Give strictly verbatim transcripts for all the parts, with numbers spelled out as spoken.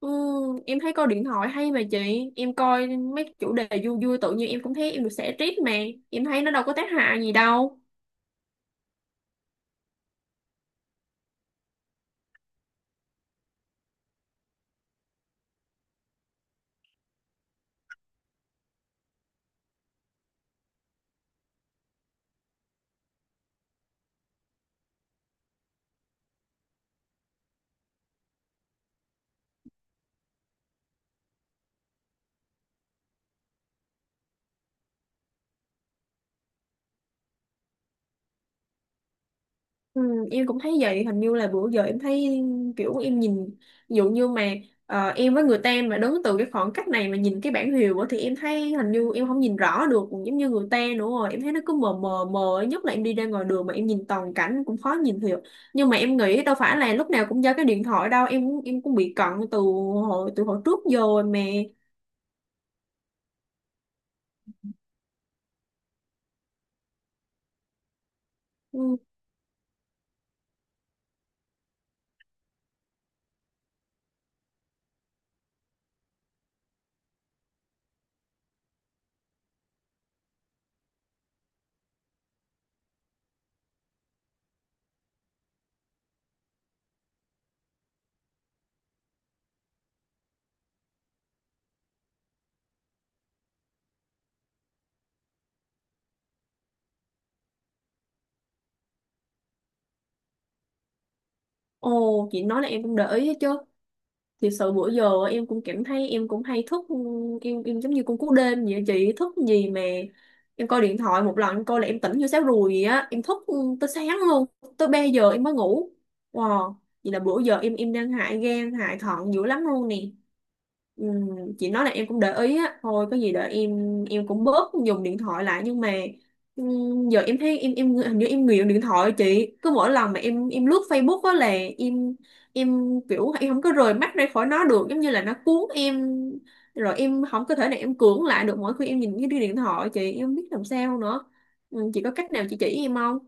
Ừ, em thấy coi điện thoại hay mà chị. Em coi mấy chủ đề vui vui tự nhiên em cũng thấy em được xả stress mà. Em thấy nó đâu có tác hại gì đâu. ừ, Em cũng thấy vậy, hình như là bữa giờ em thấy kiểu em nhìn. Ví dụ như mà ờ, em với người ta mà đứng từ cái khoảng cách này mà nhìn cái bảng hiệu á, thì em thấy hình như em không nhìn rõ được giống như người ta nữa rồi. Em thấy nó cứ mờ mờ mờ, nhất là em đi ra ngoài đường mà em nhìn toàn cảnh cũng khó nhìn hiểu. Nhưng mà em nghĩ đâu phải là lúc nào cũng do cái điện thoại đâu, em cũng- em cũng bị cận từ hồi từ hồi trước giờ rồi mà. Ừ. Ồ, chị nói là em cũng để ý chứ. Thì sự bữa giờ em cũng cảm thấy em cũng hay thức, em em giống như con cú đêm vậy á chị, thức gì mà em coi điện thoại một lần em coi là em tỉnh như sáo ruồi vậy á, em thức ừ, tới sáng luôn, tới ba giờ em mới ngủ. Wow, vậy là bữa giờ em em đang hại gan hại thận dữ lắm luôn nè. Ừm, chị nói là em cũng để ý á, thôi có gì đợi em em cũng bớt dùng điện thoại lại. Nhưng mà ừm, giờ em thấy em em hình như em nghiện điện thoại chị. Cứ mỗi lần mà em em lướt Facebook á là em em kiểu em không có rời mắt ra khỏi nó được, giống như là nó cuốn em, rồi em không có thể nào em cưỡng lại được mỗi khi em nhìn cái điện thoại chị, em không biết làm sao nữa. Ừ, chị có cách nào chị chỉ em không?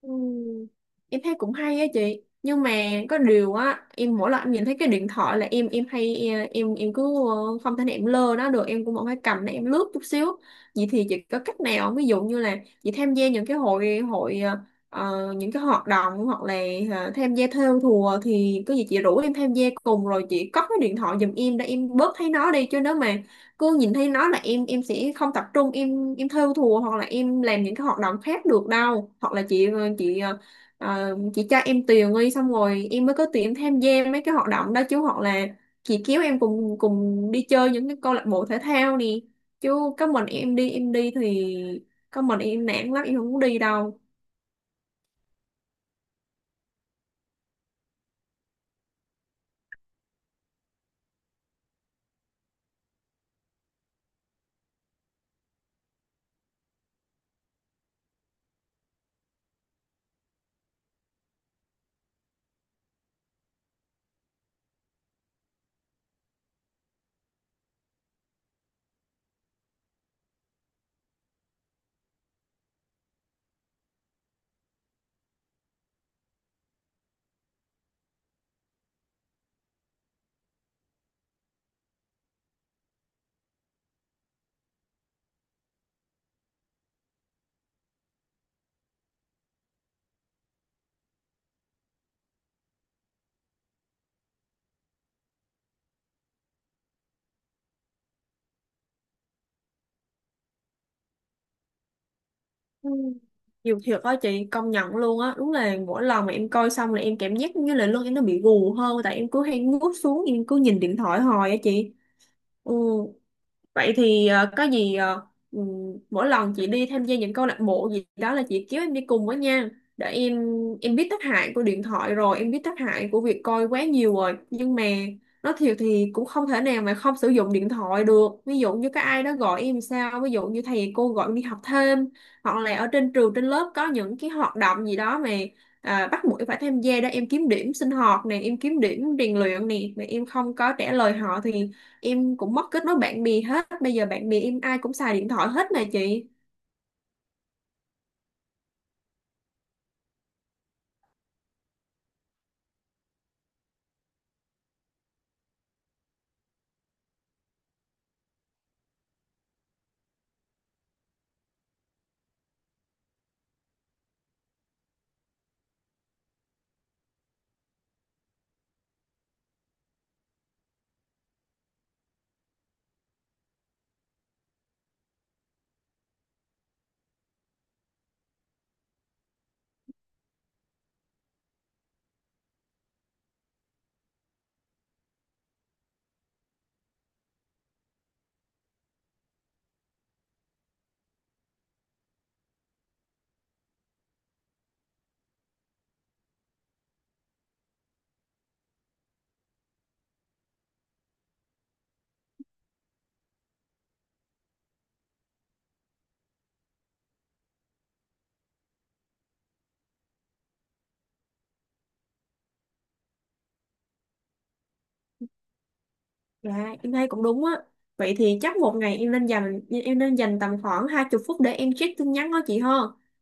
Ừ. Em thấy cũng hay á chị, nhưng mà có điều á, em mỗi lần em nhìn thấy cái điện thoại là em, em hay à, em em cứ ờ, không thể nào em lơ nó được, em cũng vẫn phải cầm để em lướt chút xíu. Vậy thì chị có cách nào không? Ví dụ như là chị tham gia những cái hội hội ờ, ờ, những cái hoạt động, hoặc là ờ, tham gia thêu thùa thì có gì chị rủ em tham gia cùng, rồi chị cất cái điện thoại giùm em để em bớt thấy nó đi. Chứ nếu mà cứ nhìn thấy nó là em em sẽ không tập trung, em em thêu thùa hoặc là em làm những cái hoạt động khác được đâu. Hoặc là chị ờ, chị ờ, ờ, chị cho em tiền đi, xong rồi em mới có tiền em tham gia mấy cái hoạt động đó chứ. Hoặc là chị kéo em cùng cùng đi chơi những cái câu lạc bộ thể thao nè, chứ có mình em đi, em đi thì có mình em nản lắm, em không muốn đi đâu. Ừ. Nhiều thiệt á chị, công nhận luôn á, đúng là mỗi lần mà em coi xong là em cảm giác như là lưng em nó bị gù hơn, tại em cứ hay ngước xuống em cứ nhìn điện thoại hoài á chị. Ừ, Vậy thì ờ, có gì ờ, ừ, mỗi lần chị đi tham gia những câu lạc bộ gì đó là chị kéo em đi cùng với nha, để em em biết tác hại của điện thoại rồi, em biết tác hại của việc coi quá nhiều rồi, nhưng mà nói thiệt thì cũng không thể nào mà không sử dụng điện thoại được. Ví dụ như có ai đó gọi em sao, ví dụ như thầy cô gọi em đi học thêm, hoặc là ở trên trường trên lớp có những cái hoạt động gì đó mà à, bắt buộc em phải tham gia đó, em kiếm điểm sinh hoạt nè, em kiếm điểm rèn luyện nè, mà em không có trả lời họ thì em cũng mất kết nối bạn bè hết. Bây giờ bạn bè em ai cũng xài điện thoại hết nè chị. Dạ em thấy cũng đúng á. Vậy thì chắc một ngày em nên dành, em nên dành tầm khoảng hai mươi phút để em check tin nhắn đó chị ha.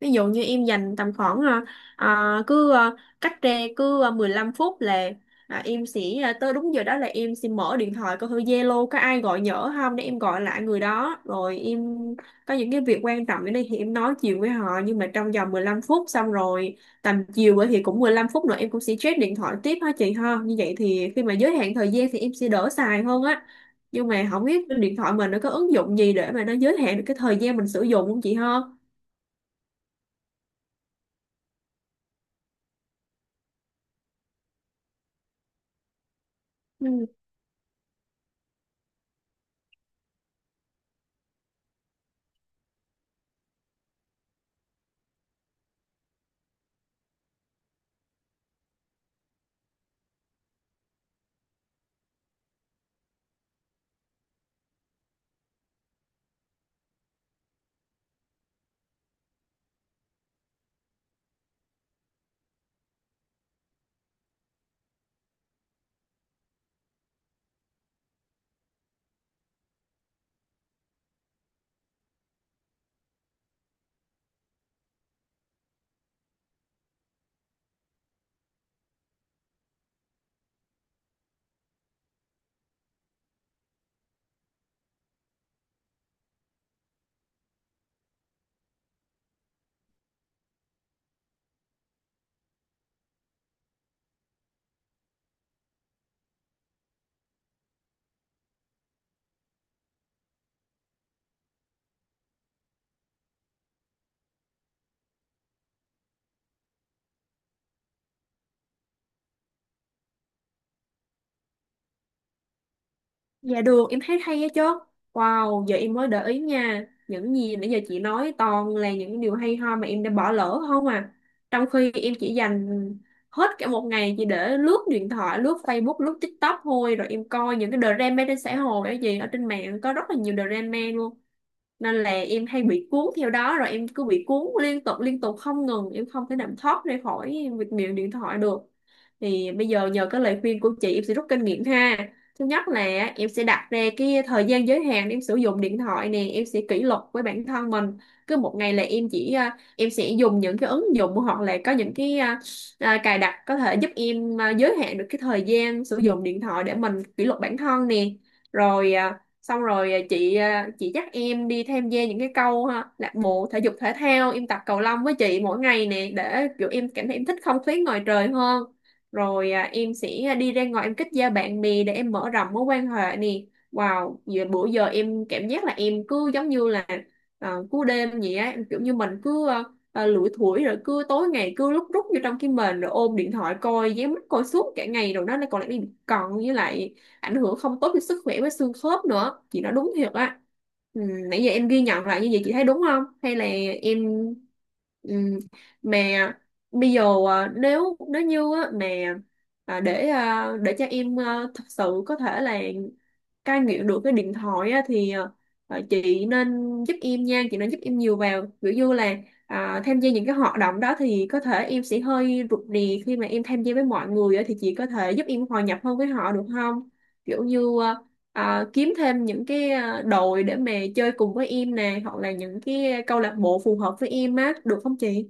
Ví dụ như em dành tầm khoảng à, à, cứ à, cách ra cứ à, mười lăm phút là à, em sẽ, à, tới đúng giờ đó là em sẽ mở điện thoại coi thử Zalo có ai gọi nhỡ không để em gọi lại người đó, rồi em có những cái việc quan trọng ở đây thì em nói chuyện với họ, nhưng mà trong vòng mười lăm phút xong rồi tầm chiều á thì cũng mười lăm phút nữa em cũng sẽ check điện thoại tiếp ha chị ha. Như vậy thì khi mà giới hạn thời gian thì em sẽ đỡ xài hơn á. Nhưng mà không biết trên điện thoại mình nó có ứng dụng gì để mà nó giới hạn được cái thời gian mình sử dụng không chị ha? Ừ. Dạ được, em thấy hay á chứ. Wow, giờ em mới để ý nha. Những gì nãy giờ chị nói toàn là những điều hay ho mà em đã bỏ lỡ không à. Trong khi em chỉ dành hết cả một ngày chỉ để lướt điện thoại, lướt Facebook, lướt TikTok thôi. Rồi em coi những cái drama trên xã hội á gì. Ở trên mạng có rất là nhiều drama luôn, nên là em hay bị cuốn theo đó, rồi em cứ bị cuốn liên tục liên tục không ngừng, em không thể nào thoát ra khỏi việc miệng điện thoại được. Thì bây giờ nhờ cái lời khuyên của chị em sẽ rút kinh nghiệm ha. Thứ nhất là em sẽ đặt ra cái thời gian giới hạn em sử dụng điện thoại nè, em sẽ kỷ luật với bản thân mình. Cứ một ngày là em chỉ à, em sẽ dùng những cái ứng dụng, hoặc là có những cái à, à, cài đặt có thể giúp em à, giới hạn được cái thời gian sử dụng điện thoại để mình kỷ luật bản thân nè. Rồi à, xong rồi à, chị à, Chị dắt em đi tham gia những cái câu, ha, lạc bộ thể dục thể thao, em tập cầu lông với chị mỗi ngày nè, để kiểu em cảm thấy em thích không khí ngoài trời hơn. Rồi à, em sẽ, à, đi ra ngoài em kết giao bạn bè để em mở rộng mối quan hệ nè. Wow, giờ bữa giờ em cảm giác là em cứ giống như là à, cú đêm vậy á, em kiểu như mình cứ à, à, lủi thủi, rồi cứ tối ngày cứ lúc rút vô trong cái mền rồi ôm điện thoại coi, dán mắt coi suốt cả ngày rồi đó, nó còn lại bị cận, với lại ảnh hưởng không tốt cho sức khỏe với xương khớp nữa, chị nói đúng thiệt á. ừ, Nãy giờ em ghi nhận lại như vậy chị thấy đúng không, hay là em ừ, mà bây giờ à, nếu nếu như á, mà à, để à, để cho em à, thật sự có thể là cai nghiện được cái điện thoại á, thì à, à, chị nên giúp em nha, chị nên giúp em nhiều vào. Ví dụ như là à, tham gia những cái hoạt động đó thì có thể em sẽ hơi rụt rè khi mà em tham gia với mọi người á, thì chị có thể giúp em hòa nhập hơn với họ được không? Kiểu như à, à, kiếm thêm những cái à, đội để mà chơi cùng với em nè, hoặc là những cái câu lạc bộ phù hợp với em á, được không chị?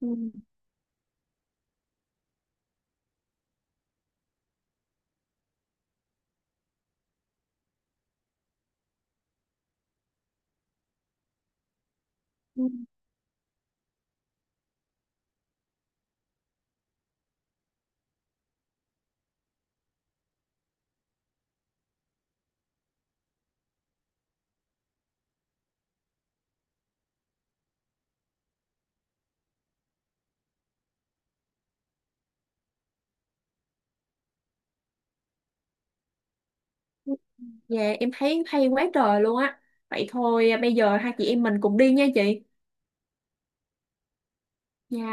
Ừ, ừ, ừ. Dạ em thấy hay quá trời luôn á. Vậy thôi à, bây giờ hai chị em mình cùng đi nha chị. Dạ.